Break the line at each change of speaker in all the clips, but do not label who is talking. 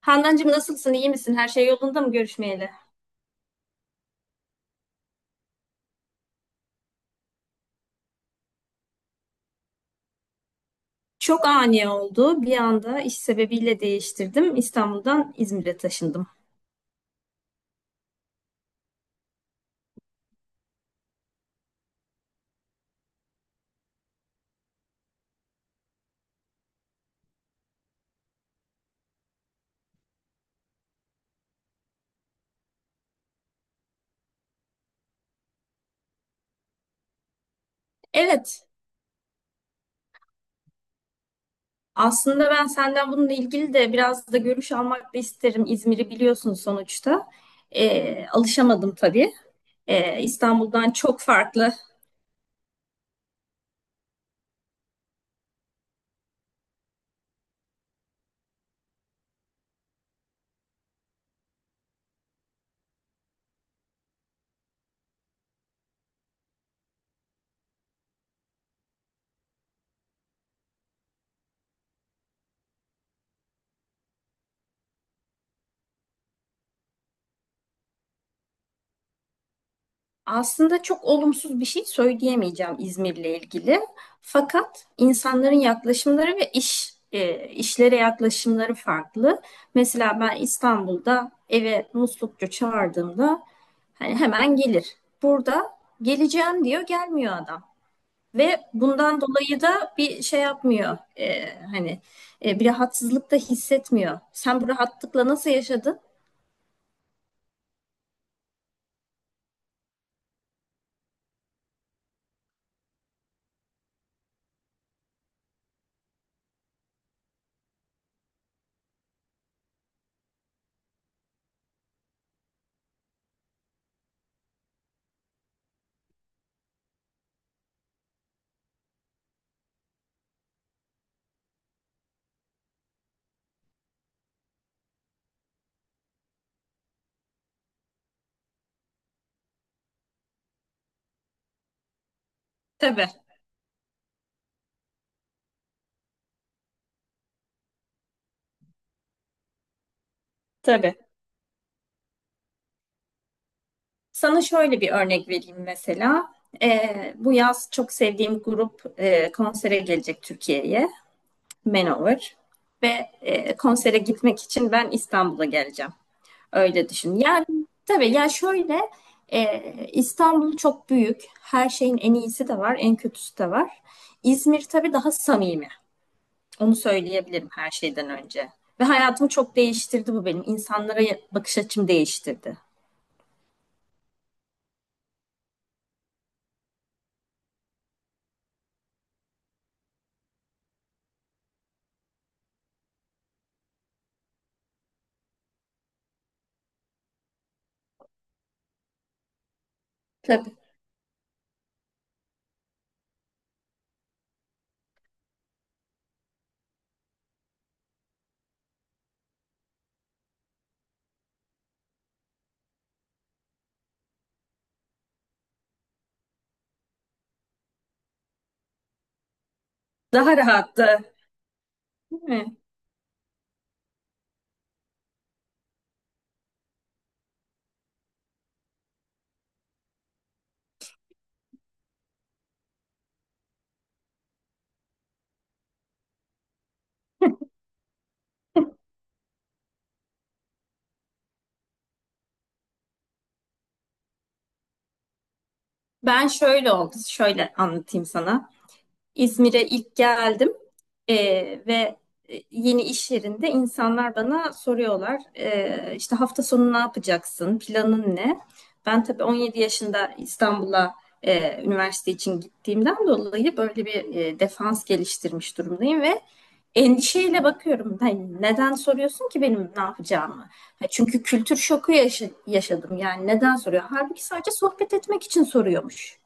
Handancığım nasılsın, İyi misin? Her şey yolunda mı görüşmeyeli? Çok ani oldu. Bir anda iş sebebiyle değiştirdim. İstanbul'dan İzmir'e taşındım. Evet, aslında ben senden bununla ilgili de biraz da görüş almak da isterim. İzmir'i biliyorsun sonuçta. Alışamadım tabii. İstanbul'dan çok farklı. Aslında çok olumsuz bir şey söyleyemeyeceğim İzmir'le ilgili. Fakat insanların yaklaşımları ve işlere yaklaşımları farklı. Mesela ben İstanbul'da eve muslukçu çağırdığımda hani hemen gelir. Burada geleceğim diyor, gelmiyor adam. Ve bundan dolayı da bir şey yapmıyor. Hani bir rahatsızlık da hissetmiyor. Sen bu rahatlıkla nasıl yaşadın? Tabii, tabii. Sana şöyle bir örnek vereyim mesela. Bu yaz çok sevdiğim grup konsere gelecek Türkiye'ye, Manowar. Ve konsere gitmek için ben İstanbul'a geleceğim. Öyle düşün. Yani tabii ya şöyle, e, İstanbul çok büyük. Her şeyin en iyisi de var, en kötüsü de var. İzmir tabii daha samimi. Onu söyleyebilirim her şeyden önce. Ve hayatımı çok değiştirdi bu benim. İnsanlara bakış açım değiştirdi. Tabii. Daha rahattı. Ben şöyle oldu, şöyle anlatayım sana. İzmir'e ilk geldim ve yeni iş yerinde insanlar bana soruyorlar, işte hafta sonu ne yapacaksın, planın ne? Ben tabii 17 yaşında İstanbul'a üniversite için gittiğimden dolayı böyle bir defans geliştirmiş durumdayım ve endişeyle bakıyorum. Hani neden soruyorsun ki benim ne yapacağımı? Ha, çünkü kültür şoku yaşadım yani, neden soruyor? Halbuki sadece sohbet etmek için soruyormuş.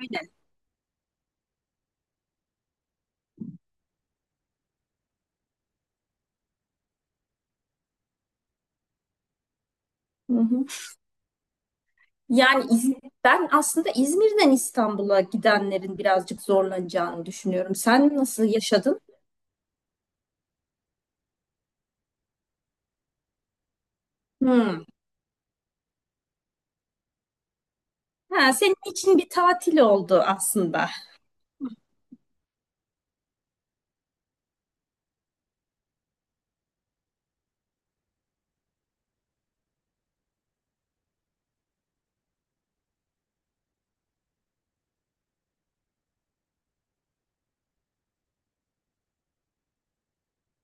Aynen. Hı hı. Yani İz- Ben aslında İzmir'den İstanbul'a gidenlerin birazcık zorlanacağını düşünüyorum. Sen nasıl yaşadın? Hmm. Ha, senin için bir tatil oldu aslında.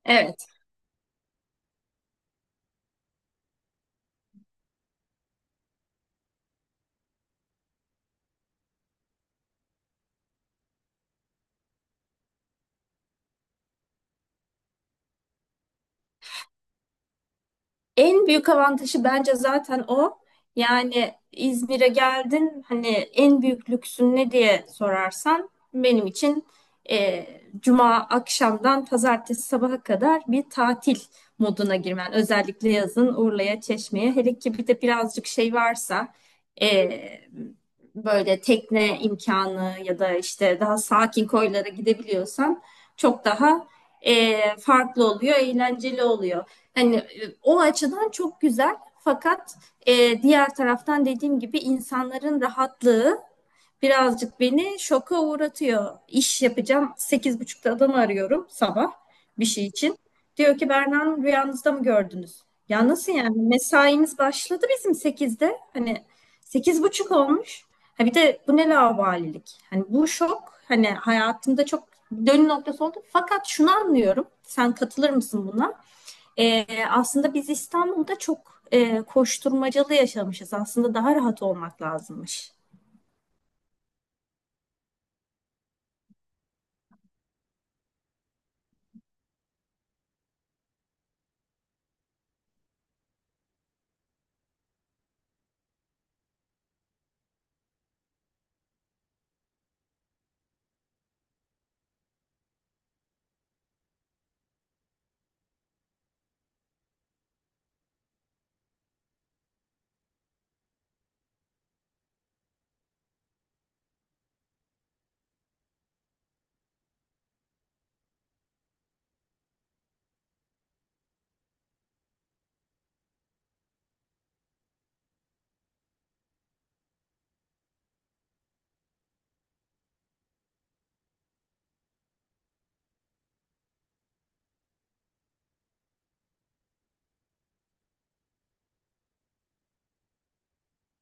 Evet. En büyük avantajı bence zaten o. Yani İzmir'e geldin hani, en büyük lüksün ne diye sorarsan benim için e, cuma akşamdan pazartesi sabaha kadar bir tatil moduna girmen. Özellikle yazın Urla'ya, Çeşme'ye, hele ki bir de birazcık şey varsa, e, böyle tekne imkanı ya da işte daha sakin koylara gidebiliyorsan çok daha farklı oluyor, eğlenceli oluyor. Hani o açıdan çok güzel. Fakat diğer taraftan dediğim gibi insanların rahatlığı birazcık beni şoka uğratıyor. İş yapacağım. Sekiz buçuk'ta adamı arıyorum sabah bir şey için. Diyor ki Berna Hanım, rüyanızda mı gördünüz? Ya nasıl yani? Mesaimiz başladı bizim sekizde. Hani sekiz buçuk olmuş. Ha bir de bu ne laubalilik? Hani bu şok hani hayatımda çok dönüm noktası oldu. Fakat şunu anlıyorum. Sen katılır mısın buna? Aslında biz İstanbul'da çok koşturmacalı yaşamışız. Aslında daha rahat olmak lazımmış.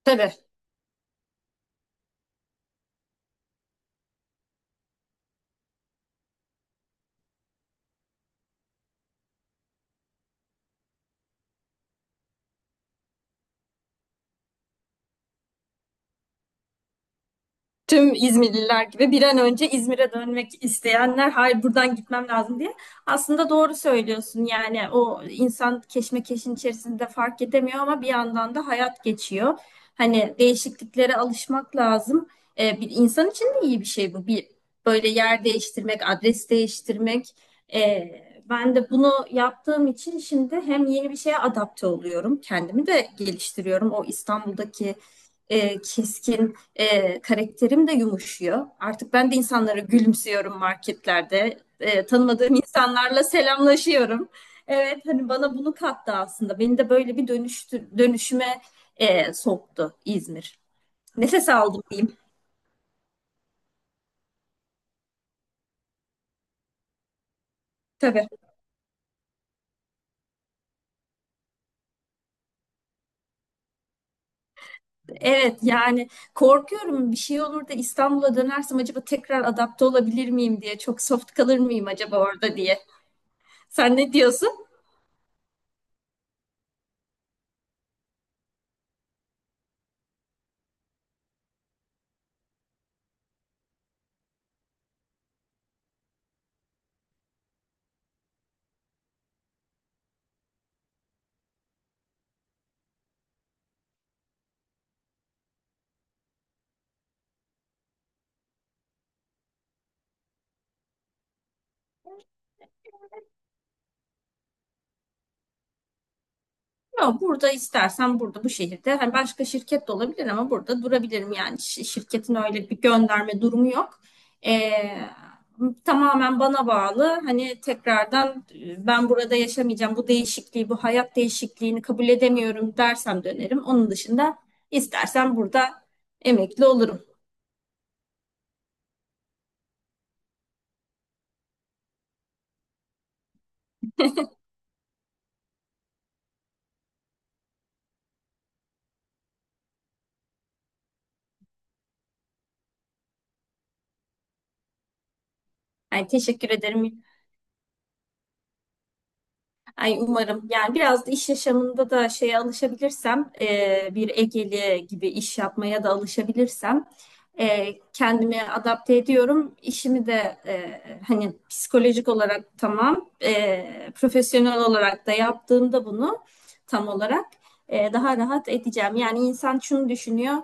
Tabii. Tüm İzmirliler gibi bir an önce İzmir'e dönmek isteyenler, hayır buradan gitmem lazım diye. Aslında doğru söylüyorsun, yani o insan keşmekeşin içerisinde fark edemiyor ama bir yandan da hayat geçiyor. Hani değişikliklere alışmak lazım. Bir insan için de iyi bir şey bu. Bir böyle yer değiştirmek, adres değiştirmek. Ben de bunu yaptığım için şimdi hem yeni bir şeye adapte oluyorum, kendimi de geliştiriyorum. O İstanbul'daki keskin karakterim de yumuşuyor. Artık ben de insanlara gülümsüyorum marketlerde. Tanımadığım insanlarla selamlaşıyorum. Evet, hani bana bunu kattı aslında. Beni de böyle bir dönüştü, dönüşüme soktu İzmir. Nefes aldım diyeyim. Tabii. Evet, yani korkuyorum bir şey olur da İstanbul'a dönersem acaba tekrar adapte olabilir miyim diye. Çok soft kalır mıyım acaba orada diye. Sen ne diyorsun? Yok, burada istersen burada bu şehirde hani başka şirket de olabilir ama burada durabilirim yani. Şirketin öyle bir gönderme durumu yok. Ee, Tamamen bana bağlı, hani tekrardan ben burada yaşamayacağım, bu değişikliği bu hayat değişikliğini kabul edemiyorum dersem dönerim. Onun dışında istersen burada emekli olurum. Yani teşekkür ederim. Ay umarım. Yani biraz da iş yaşamında da şeye alışabilirsem, bir Egeli gibi iş yapmaya da alışabilirsem, e, kendimi adapte ediyorum. İşimi de hani psikolojik olarak tamam, profesyonel olarak da yaptığımda bunu tam olarak daha rahat edeceğim. Yani insan şunu düşünüyor,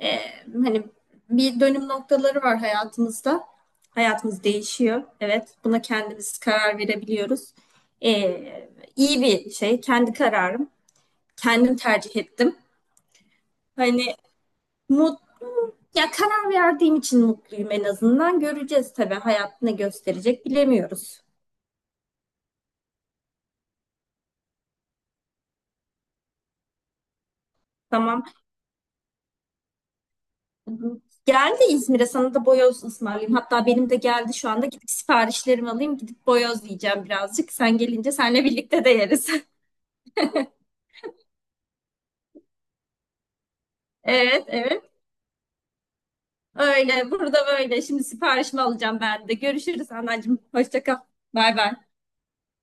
e, hani bir dönüm noktaları var hayatımızda. Hayatımız değişiyor. Evet, buna kendimiz karar verebiliyoruz. E, İyi bir şey. Kendi kararım. Kendim tercih ettim. Hani mutlu ya, karar verdiğim için mutluyum en azından. Göreceğiz tabii, hayat ne gösterecek bilemiyoruz. Tamam. Geldi İzmir'e, sana da boyoz ısmarlayayım. Hatta benim de geldi şu anda. Gidip siparişlerimi alayım. Gidip boyoz yiyeceğim birazcık. Sen gelince seninle birlikte de yeriz. Evet, evet. Öyle. Burada böyle. Şimdi siparişimi alacağım ben de. Görüşürüz anneciğim. Hoşça kal. Bay bay.